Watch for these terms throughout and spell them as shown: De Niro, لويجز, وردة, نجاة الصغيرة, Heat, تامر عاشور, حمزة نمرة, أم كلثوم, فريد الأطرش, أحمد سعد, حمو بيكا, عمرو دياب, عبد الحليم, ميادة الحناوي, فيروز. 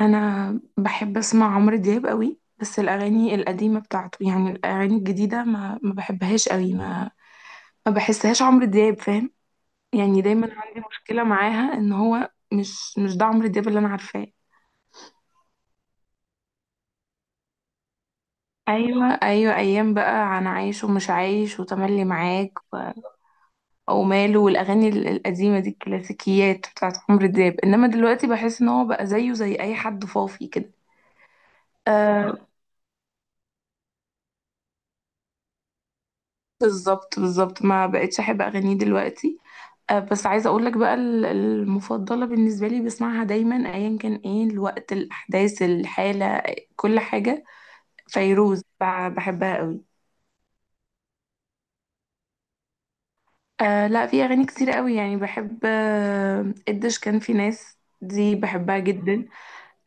انا بحب اسمع عمرو دياب قوي، بس الاغاني القديمه بتاعته. يعني الاغاني الجديده ما بحبهاش قوي، ما بحسهاش عمرو دياب، فاهم؟ يعني دايما عندي مشكله معاها ان هو مش ده عمرو دياب اللي انا عارفاه. ايوه ايوه، ايام بقى انا عايش ومش عايش وتملي معاك، وماله. والاغاني القديمه دي الكلاسيكيات بتاعت عمرو دياب، انما دلوقتي بحس ان هو بقى زيه زي اي حد فاضي كده. آه، بالظبط بالظبط، ما بقتش احب اغانيه دلوقتي. بس عايزة أقولك بقى المفضلة بالنسبة لي، بسمعها دايما أيا كان إيه الوقت، الأحداث، الحالة، كل حاجة. فيروز، بحبها قوي. آه لا، في أغاني كتير قوي يعني بحب. قديش كان في ناس دي بحبها جدا.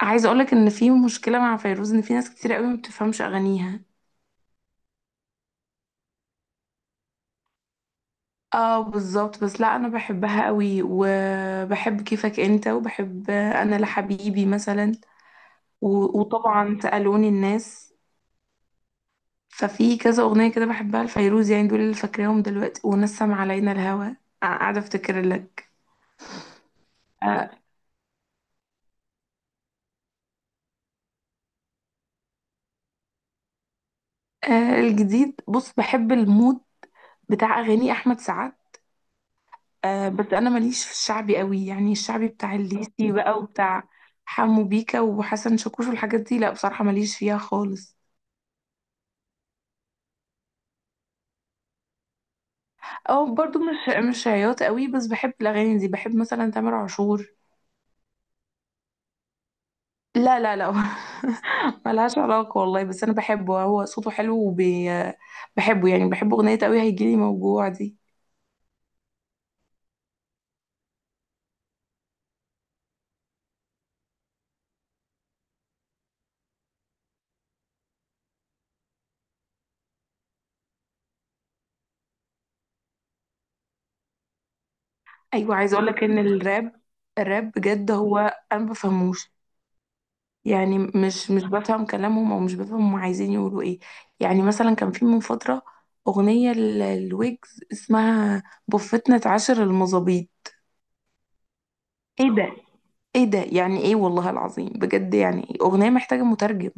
عايزة أقولك إن في مشكلة مع فيروز، إن في ناس كتير قوي ما بتفهمش أغانيها. اه بالظبط، بس لا انا بحبها قوي، وبحب كيفك انت، وبحب، انا لحبيبي مثلا. وطبعا سألوني الناس. ففي كذا اغنيه كده بحبها لفيروز، يعني دول اللي فاكراهم دلوقتي: ونسم علينا الهوى. قاعده افتكر لك. آه الجديد، بص، بحب المود بتاع اغاني احمد سعد. بس انا ماليش في الشعبي قوي، يعني الشعبي بتاع الليسي بقى، وبتاع حمو بيكا وحسن شاكوش والحاجات دي، لا بصراحه ماليش فيها خالص. او برضو مش عياط قوي، بس بحب الاغاني دي، بحب مثلا تامر عاشور. لا لا لا ملهاش علاقة والله، بس أنا بحبه، هو صوته حلو، وبي بحبه. يعني بحب أغنية أوي، هيجيلي موجوع دي. أيوة، عايزة أقولك إن الراب بجد هو، أنا ما بفهموش. يعني مش بفهم كلامهم، أو مش بفهم هم عايزين يقولوا إيه. يعني مثلا كان في من فترة أغنية لويجز اسمها بفتنا عشر المظابيط. إيه ده، إيه ده، يعني إيه والله العظيم؟ بجد يعني إيه؟ أغنية محتاجة مترجم.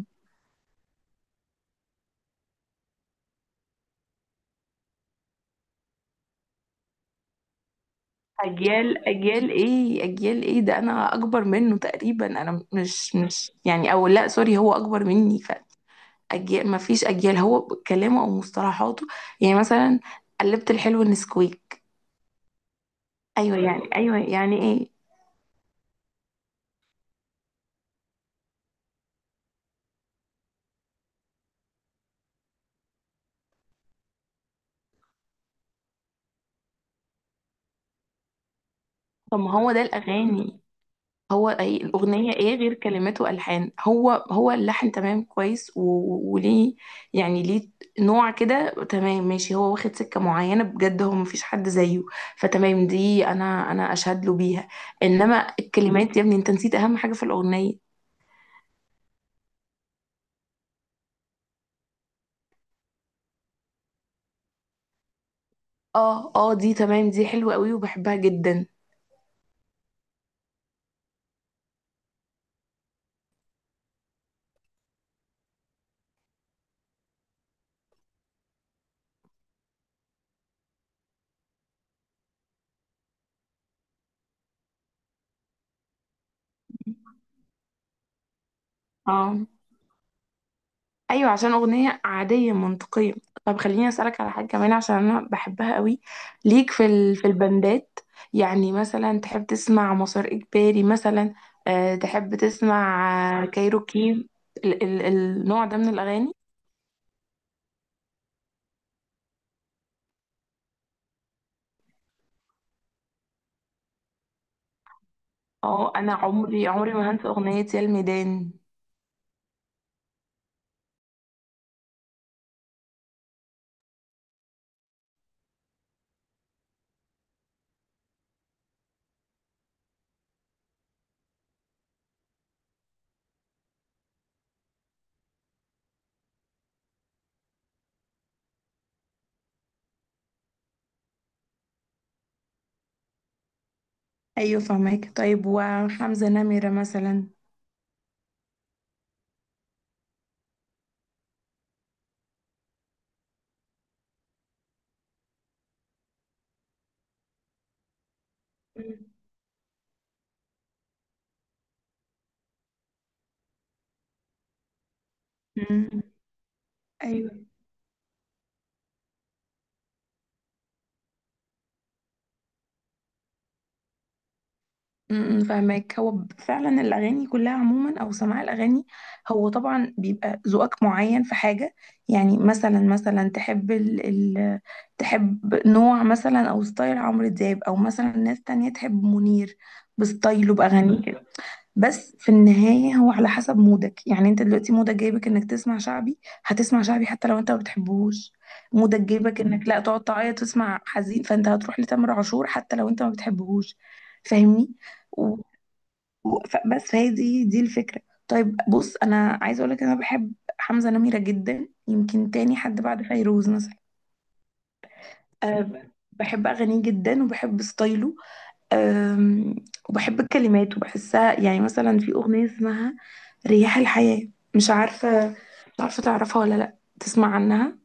اجيال، اجيال ايه، اجيال ايه ده، انا اكبر منه تقريبا. انا مش يعني، او لا سوري هو اكبر مني. فاجيال، ما فيش اجيال، هو كلامه او مصطلحاته. يعني مثلا: قلبت الحلو نسكويك، ايوه يعني، ايوه يعني ايه. طب ما هو ده الاغاني. هو، أي الأغنية إيه غير كلمات وألحان؟ هو اللحن تمام كويس، وليه؟ يعني ليه؟ نوع كده تمام، ماشي، هو واخد سكة معينة بجد، هو مفيش حد زيه، فتمام دي أنا أشهد له بيها. إنما الكلمات يا ابني، أنت نسيت أهم حاجة في الأغنية. آه آه، دي تمام، دي حلوة قوي وبحبها جدا. آه ايوه، عشان اغنيه عاديه منطقيه. طب خليني اسالك على حاجه كمان، عشان انا بحبها قوي. ليك في في البندات، يعني مثلا تحب تسمع مسار اجباري مثلا؟ أه، تحب تسمع كايروكي، النوع ده من الاغاني؟ اه، انا عمري عمري ما هنسى اغنيه يا الميدان. ايوه فهمك. طيب، وحمزة نمرة مثلا؟ مم. مم. ايوه. فاهمك، هو فعلا الاغاني كلها عموما، او سماع الاغاني، هو طبعا بيبقى ذوقك معين في حاجه. يعني مثلا تحب ال ال تحب نوع مثلا، او ستايل عمرو دياب، او مثلا ناس تانية تحب منير بستايله باغانيه. بس في النهاية هو على حسب مودك، يعني انت دلوقتي مودك جايبك انك تسمع شعبي، هتسمع شعبي حتى لو انت ما بتحبوش. مودك جايبك انك لا تقعد تعيط تسمع حزين، فانت هتروح لتامر عاشور حتى لو انت ما بتحبهوش، فاهمني؟ و... بس فهي دي الفكرة. طيب بص، انا عايزة اقولك انا بحب حمزة نمرة جدا، يمكن تاني حد بعد فيروز مثلا. أه بحب اغانيه جدا وبحب ستايله. أم، وبحب الكلمات وبحسها، يعني مثلا في أغنية اسمها رياح الحياة. مش عارفة تعرفها ولا لأ، تسمع عنها؟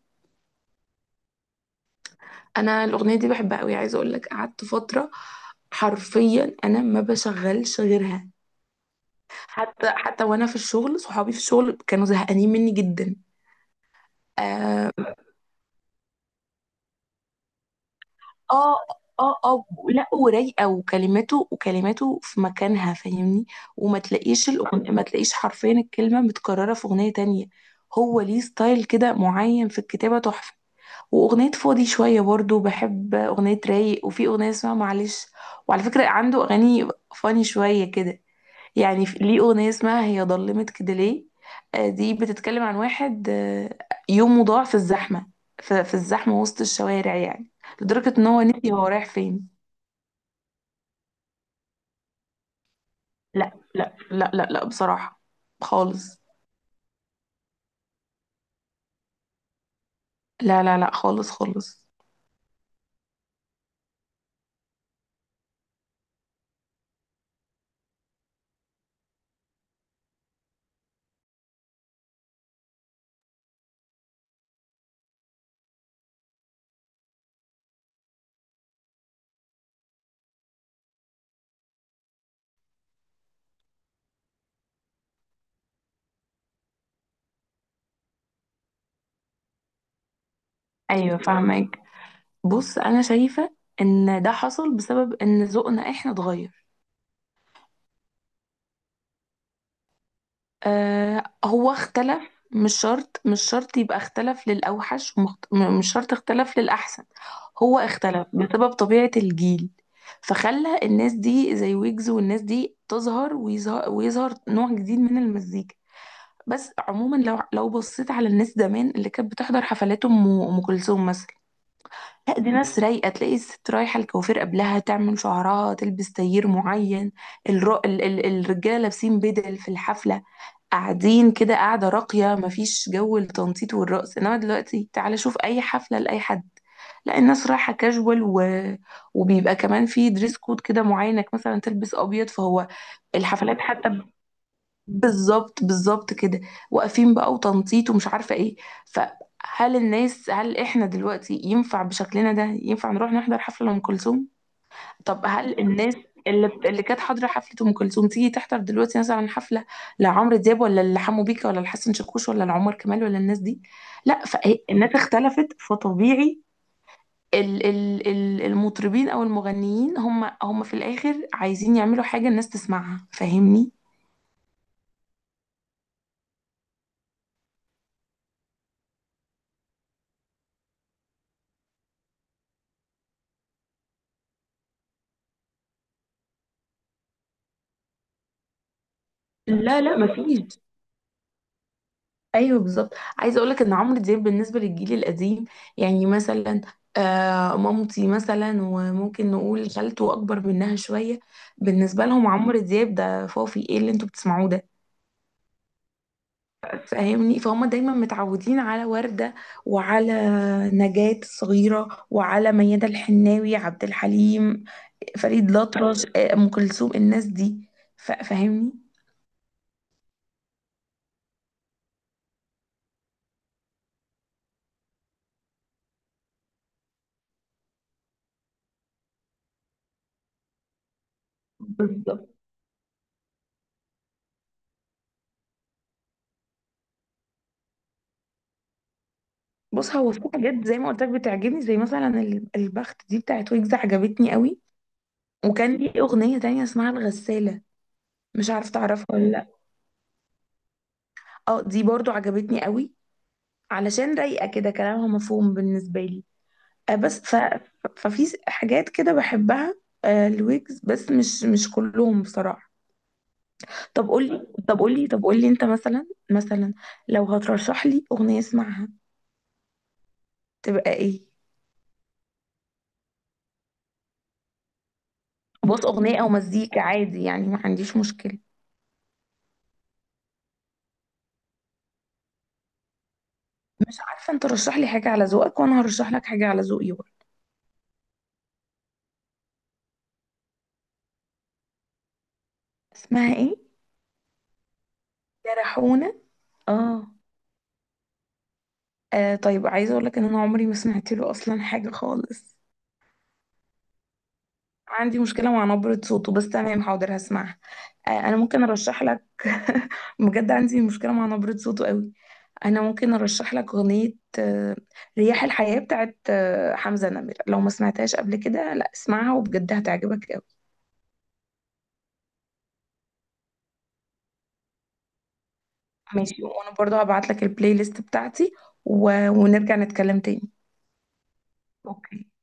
أنا الأغنية دي بحبها أوي، عايزة أقول لك قعدت فترة حرفيا أنا ما بشغلش غيرها. حتى وأنا في الشغل، صحابي في الشغل كانوا زهقانين مني جدا. آه، اه اه اه، لا ورايقه، وكلماته في مكانها، فاهمني؟ وما تلاقيش ما تلاقيش حرفيا الكلمه متكرره في اغنيه تانية. هو ليه ستايل كده معين في الكتابه تحفه. واغنيه فاضي شويه برضو، بحب اغنيه رايق، وفي اغنيه اسمها معلش. وعلى فكره عنده اغاني فاني شويه كده، يعني ليه أغنية اسمها هي ضلمت كده ليه. دي بتتكلم عن واحد يومه ضاع في الزحمة، في الزحمة وسط الشوارع يعني، لدرجة ان هو نسي هو رايح فين. لا لا لا لا لا، بصراحة خالص. لا لا لا، خالص خالص. ايوه فاهمك. بص انا شايفة ان ده حصل بسبب ان ذوقنا احنا اتغير. آه هو اختلف، مش شرط يبقى اختلف للأوحش، مش شرط اختلف للأحسن. هو اختلف بسبب طبيعة الجيل، فخلى الناس دي زي ويجز والناس دي تظهر، ويظهر نوع جديد من المزيكا. بس عموما لو بصيت على الناس زمان اللي كانت بتحضر حفلات أم كلثوم مثلا، لا دي ناس رايقة، تلاقي الست رايحة الكوافير قبلها تعمل شعرها، تلبس تايير معين، الرجالة لابسين بدل في الحفلة، قاعدين كده، قاعدة راقية، مفيش جو التنطيط والرقص. انما دلوقتي تعالى شوف اي حفلة لأي حد، لا الناس رايحة كاجوال، وبيبقى كمان في دريس كود كده معين انك مثلا تلبس ابيض. فهو الحفلات حتى بالظبط بالظبط كده، واقفين بقى وتنطيط ومش عارفة ايه. فهل الناس هل احنا دلوقتي ينفع بشكلنا ده ينفع نروح نحضر حفلة لأم كلثوم؟ طب هل الناس اللي كانت حاضره حفله ام كلثوم تيجي تحضر دلوقتي مثلا حفله لعمرو دياب، ولا لحمو بيكا، ولا لحسن شاكوش، ولا لعمر كمال، ولا الناس دي؟ لا، فالناس اختلفت، فطبيعي المطربين او المغنيين هم في الاخر عايزين يعملوا حاجه الناس تسمعها، فاهمني؟ لا لا مفيش. ايوه بالظبط، عايزه اقولك ان عمرو دياب بالنسبه للجيل القديم، يعني مثلا مامتي مثلا، وممكن نقول خالته اكبر منها شويه، بالنسبه لهم عمرو دياب ده فوفي ايه اللي انتوا بتسمعوه ده، فاهمني؟ فهم دايما متعودين على ورده، وعلى نجاة الصغيره، وعلى ميادة الحناوي، عبد الحليم، فريد الأطرش، ام كلثوم، الناس دي، فاهمني. بالظبط. بص هو في حاجات زي ما قلت لك بتعجبني، زي مثلا البخت دي بتاعت ويجز عجبتني قوي. وكان ليه أغنية تانية اسمها الغسالة، مش عارفة تعرفها ولا لأ. اه دي برضو عجبتني قوي، علشان رايقة كده، كلامها مفهوم بالنسبة لي. آه بس حاجات كده بحبها. آه الويجز بس مش كلهم بصراحة. طب قولي، انت مثلا لو هترشح لي أغنية اسمعها تبقى ايه؟ بص أغنية أو مزيكا عادي يعني، ما عنديش مشكلة. مش عارفة، انت رشح لي حاجة على ذوقك وانا هرشح لك حاجة على ذوقي برضه. اسمها ايه؟ جرحونة. اه. آه طيب، عايزة اقول لك ان انا عمري ما سمعت له اصلا حاجة خالص. عندي مشكلة مع نبرة صوته، بس تمام حاضر هسمعها. آه انا ممكن ارشح لك بجد عندي مشكلة مع نبرة صوته قوي. انا ممكن ارشح لك اغنية، آه، رياح الحياة بتاعت حمزة نمرة، لو ما سمعتهاش قبل كده لا اسمعها وبجد هتعجبك قوي. ماشي، وانا برضو هبعت لك البلاي ليست بتاعتي ونرجع نتكلم تاني. اوكي.